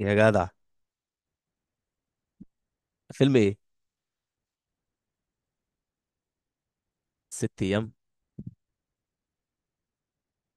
يا جدع، فيلم ايه؟ 6 ايام.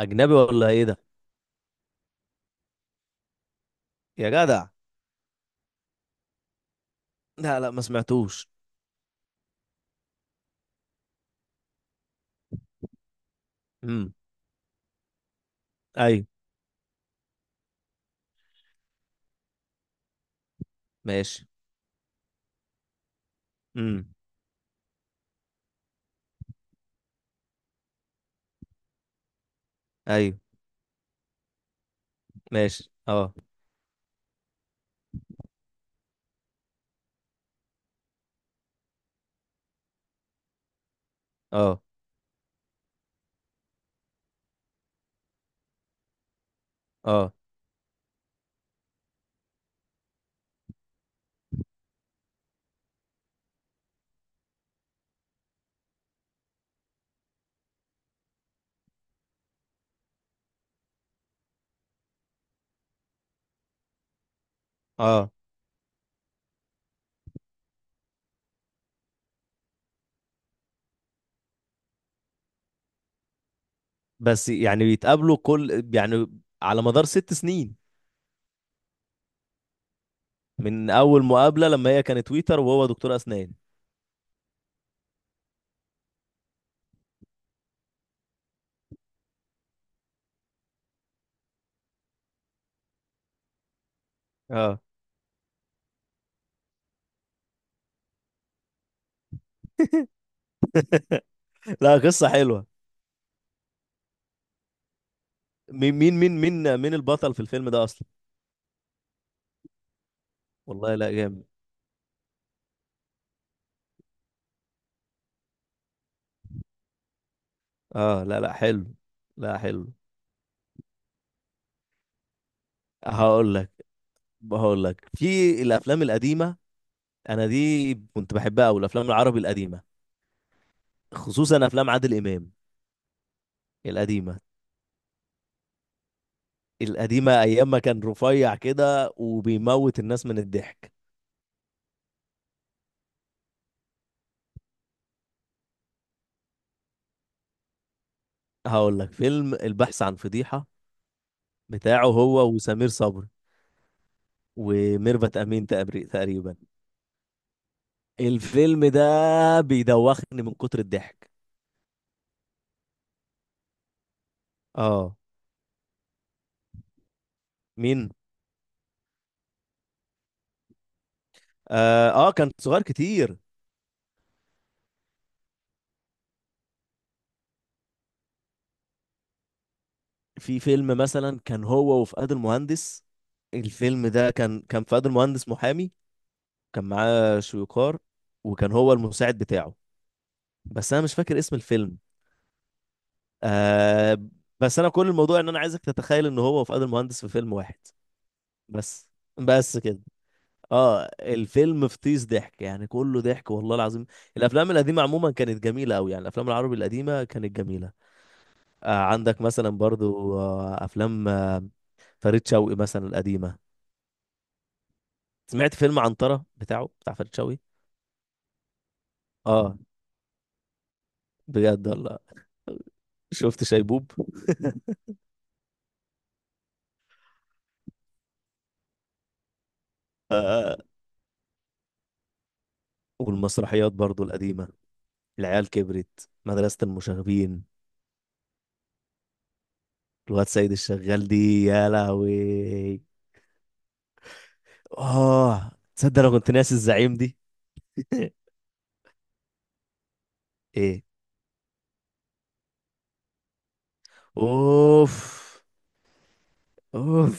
اجنبي ولا ايه ده؟ يا جدع. لا لا ما سمعتوش. امم. ايوه. ماشي. امم. ايوه. ماشي اه. اه. اه. اه بس يعني بيتقابلوا كل يعني على مدار 6 سنين من اول مقابلة لما هي كانت تويتر وهو دكتور اسنان. اه. لا قصة حلوة. مين البطل في الفيلم ده اصلا؟ والله لا جامد. اه لا لا حلو. لا حلو. هقول لك هقول لك في الافلام القديمة. انا دي كنت بحبها قوي، الافلام العربي القديمه، خصوصا افلام عادل امام القديمه. القديمه ايام ما كان رفيع كده وبيموت الناس من الضحك. هقول لك فيلم البحث عن فضيحه بتاعه هو وسمير صبري وميرفت امين تقريبا. الفيلم ده بيدوخني من كتر الضحك. اه. مين؟ اه، آه كان صغير كتير. في فيلم مثلا كان هو وفؤاد المهندس. الفيلم ده كان فؤاد المهندس محامي، كان معاه شويكار، وكان هو المساعد بتاعه، بس انا مش فاكر اسم الفيلم. آه. بس انا كل الموضوع ان انا عايزك تتخيل ان هو وفؤاد المهندس في فيلم واحد. بس. بس كده. اه الفيلم فطيس ضحك، يعني كله ضحك والله العظيم. الافلام القديمه عموما كانت جميله قوي، يعني الافلام العربي القديمه كانت جميله. آه عندك مثلا برضو آه افلام آه، فريد شوقي مثلا القديمه. سمعت فيلم عنتره بتاعه، بتاع فريد شوقي. اه بجد والله. شفت شيبوب؟ والمسرحيات برضو القديمة، العيال كبرت، مدرسة المشاغبين، الواد سيد الشغال دي يا لهوي. اه تصدق انا كنت ناسي الزعيم دي. ايه؟ اوف. اوف.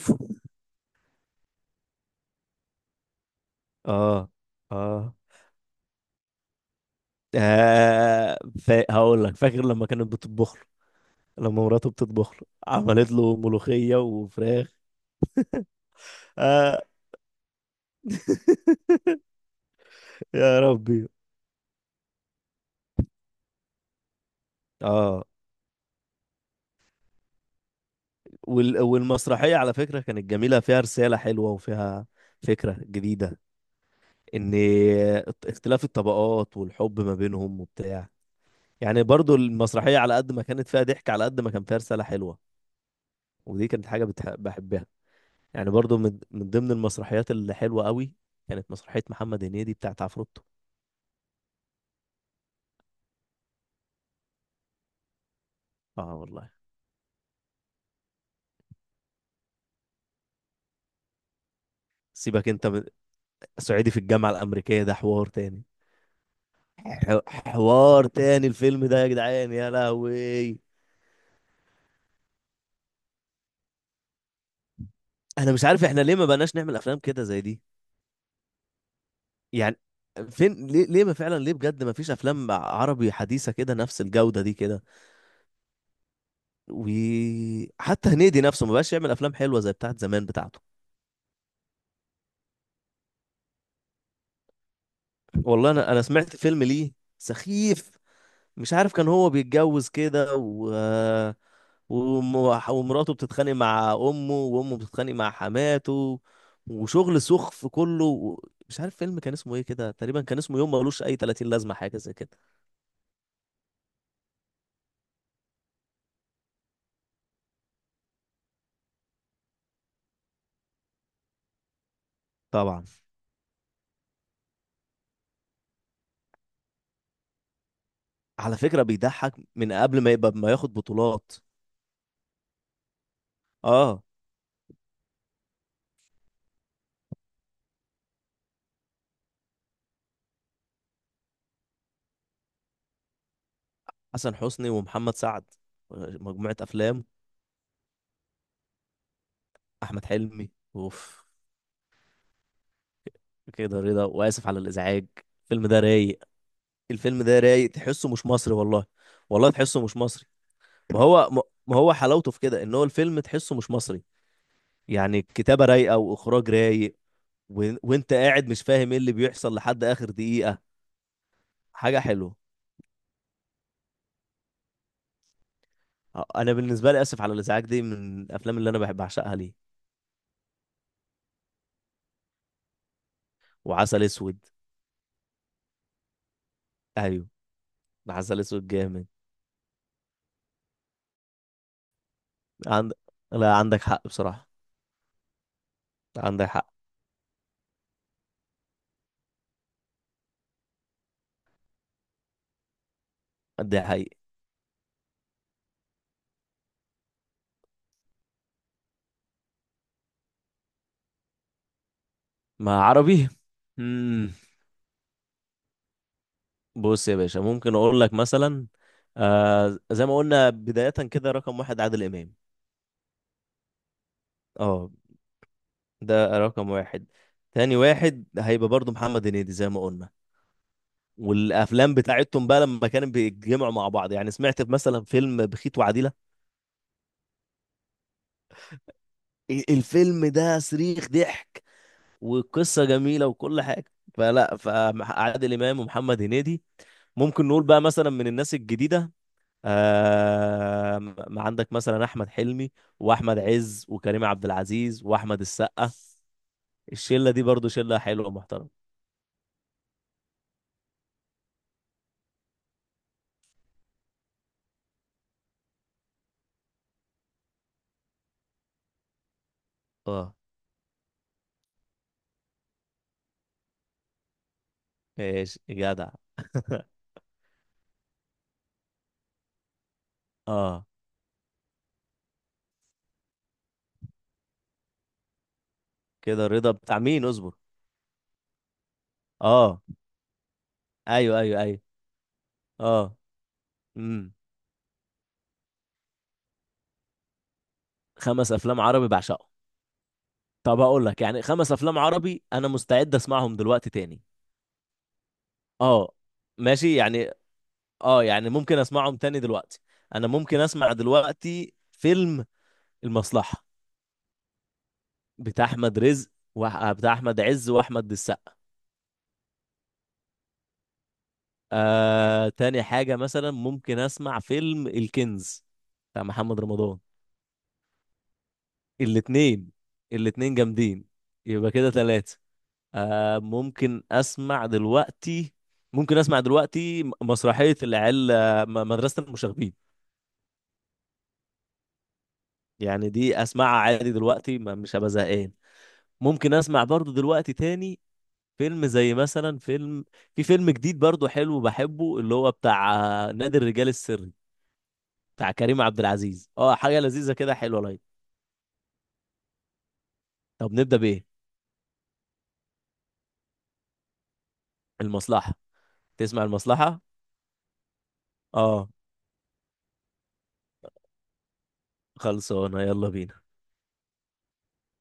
اه. اه، آه. هقول لك، فاكر لما كانت بتطبخ له، لما مراته بتطبخ له، عملت له ملوخية وفراخ. آه. يا ربي. اه. والمسرحية على فكرة كانت جميلة، فيها رسالة حلوة وفيها فكرة جديدة، ان اختلاف الطبقات والحب ما بينهم وبتاع، يعني برضو المسرحية على قد ما كانت فيها ضحك على قد ما كان فيها رسالة حلوة، ودي كانت حاجة بحبها. يعني برضو من ضمن المسرحيات اللي حلوة قوي كانت مسرحية محمد هنيدي بتاعت عفروتو. اه والله. سيبك انت من صعيدي في الجامعة الأمريكية، ده حوار تاني. ح- حوار تاني الفيلم ده يا جدعان يا لهوي. انا مش عارف احنا ليه ما بقناش نعمل افلام كده زي دي يعني. فين، ليه ليه ما فعلا ليه بجد ما فيش افلام عربي حديثة كده نفس الجودة دي كده؟ وحتى هنيدي نفسه ما بقاش يعمل افلام حلوة زي بتاعت زمان بتاعته. والله انا سمعت فيلم ليه سخيف، مش عارف كان هو بيتجوز كده وم- ومراته بتتخانق مع امه وامه بتتخانق مع حماته، وشغل سخف كله. مش عارف فيلم كان اسمه ايه كده، تقريبا كان اسمه يوم ملوش اي 30 لازمة، حاجة زي كده. طبعا. على فكرة بيضحك من قبل ما يبقى ما ياخد بطولات. اه. حسن حسني ومحمد سعد، مجموعة افلام. احمد حلمي. اوف. كده رضا، واسف على الازعاج. الفيلم ده رايق. الفيلم ده رايق، تحسه مش مصري والله. والله تحسه مش مصري. ما هو ما ما هو حلاوته في كده ان هو الفيلم تحسه مش مصري، يعني الكتابة رايقة واخراج رايق وانت قاعد مش فاهم ايه اللي بيحصل لحد اخر دقيقة. حاجة حلوة. آه، انا بالنسبة لي اسف على الازعاج دي من الافلام اللي انا بحب اعشقها ليه. وعسل اسود. ايوه. عسل اسود جامد. عند... لا عندك حق بصراحة. عندك حق. ده حقيقي. مع عربي. مم. بص يا باشا ممكن اقول لك مثلا، آه زي ما قلنا بداية كده، رقم واحد عادل امام. اه. ده رقم واحد. تاني واحد هيبقى برضو محمد هنيدي زي ما قلنا. والافلام بتاعتهم بقى لما كانوا بيتجمعوا مع بعض، يعني سمعت مثلا فيلم بخيت وعديلة. الفيلم ده صريخ ضحك، والقصه جميله وكل حاجه. فلا، فعادل امام ومحمد هنيدي. ممكن نقول بقى مثلا من الناس الجديده، آه، ما عندك مثلا احمد حلمي واحمد عز وكريم عبد العزيز واحمد السقا. الشله دي برضو شله حلوه ومحترمه. اه. ايش جدع. اه. كده رضا بتاع مين اصبر؟ اه. ايوه ايوه ايوه. اه. امم. خمس افلام عربي بعشقهم. طب هقول لك، يعني خمس افلام عربي انا مستعد اسمعهم دلوقتي تاني. اه ماشي يعني. اه يعني ممكن اسمعهم تاني دلوقتي. انا ممكن اسمع دلوقتي فيلم المصلحة، بتاع احمد رزق، بتاع احمد عز واحمد السقا. آه، تاني حاجة مثلا ممكن اسمع فيلم الكنز بتاع محمد رمضان. الاتنين. الاتنين جامدين. يبقى كده تلاتة. آه، ممكن اسمع دلوقتي، ممكن اسمع دلوقتي مسرحية العيال آه، مدرسة المشاغبين. يعني دي اسمعها عادي دلوقتي، ما مش هبقى زهقان. ممكن اسمع برضو دلوقتي تاني فيلم، زي مثلا فيلم، في فيلم جديد برضو حلو بحبه اللي هو بتاع آه، نادي الرجال السري، بتاع كريم عبد العزيز. اه حاجة لذيذة كده، حلوة لايت. طب نبدأ بإيه؟ المصلحة. تسمع المصلحة. اه. خلصانة، يلا بينا.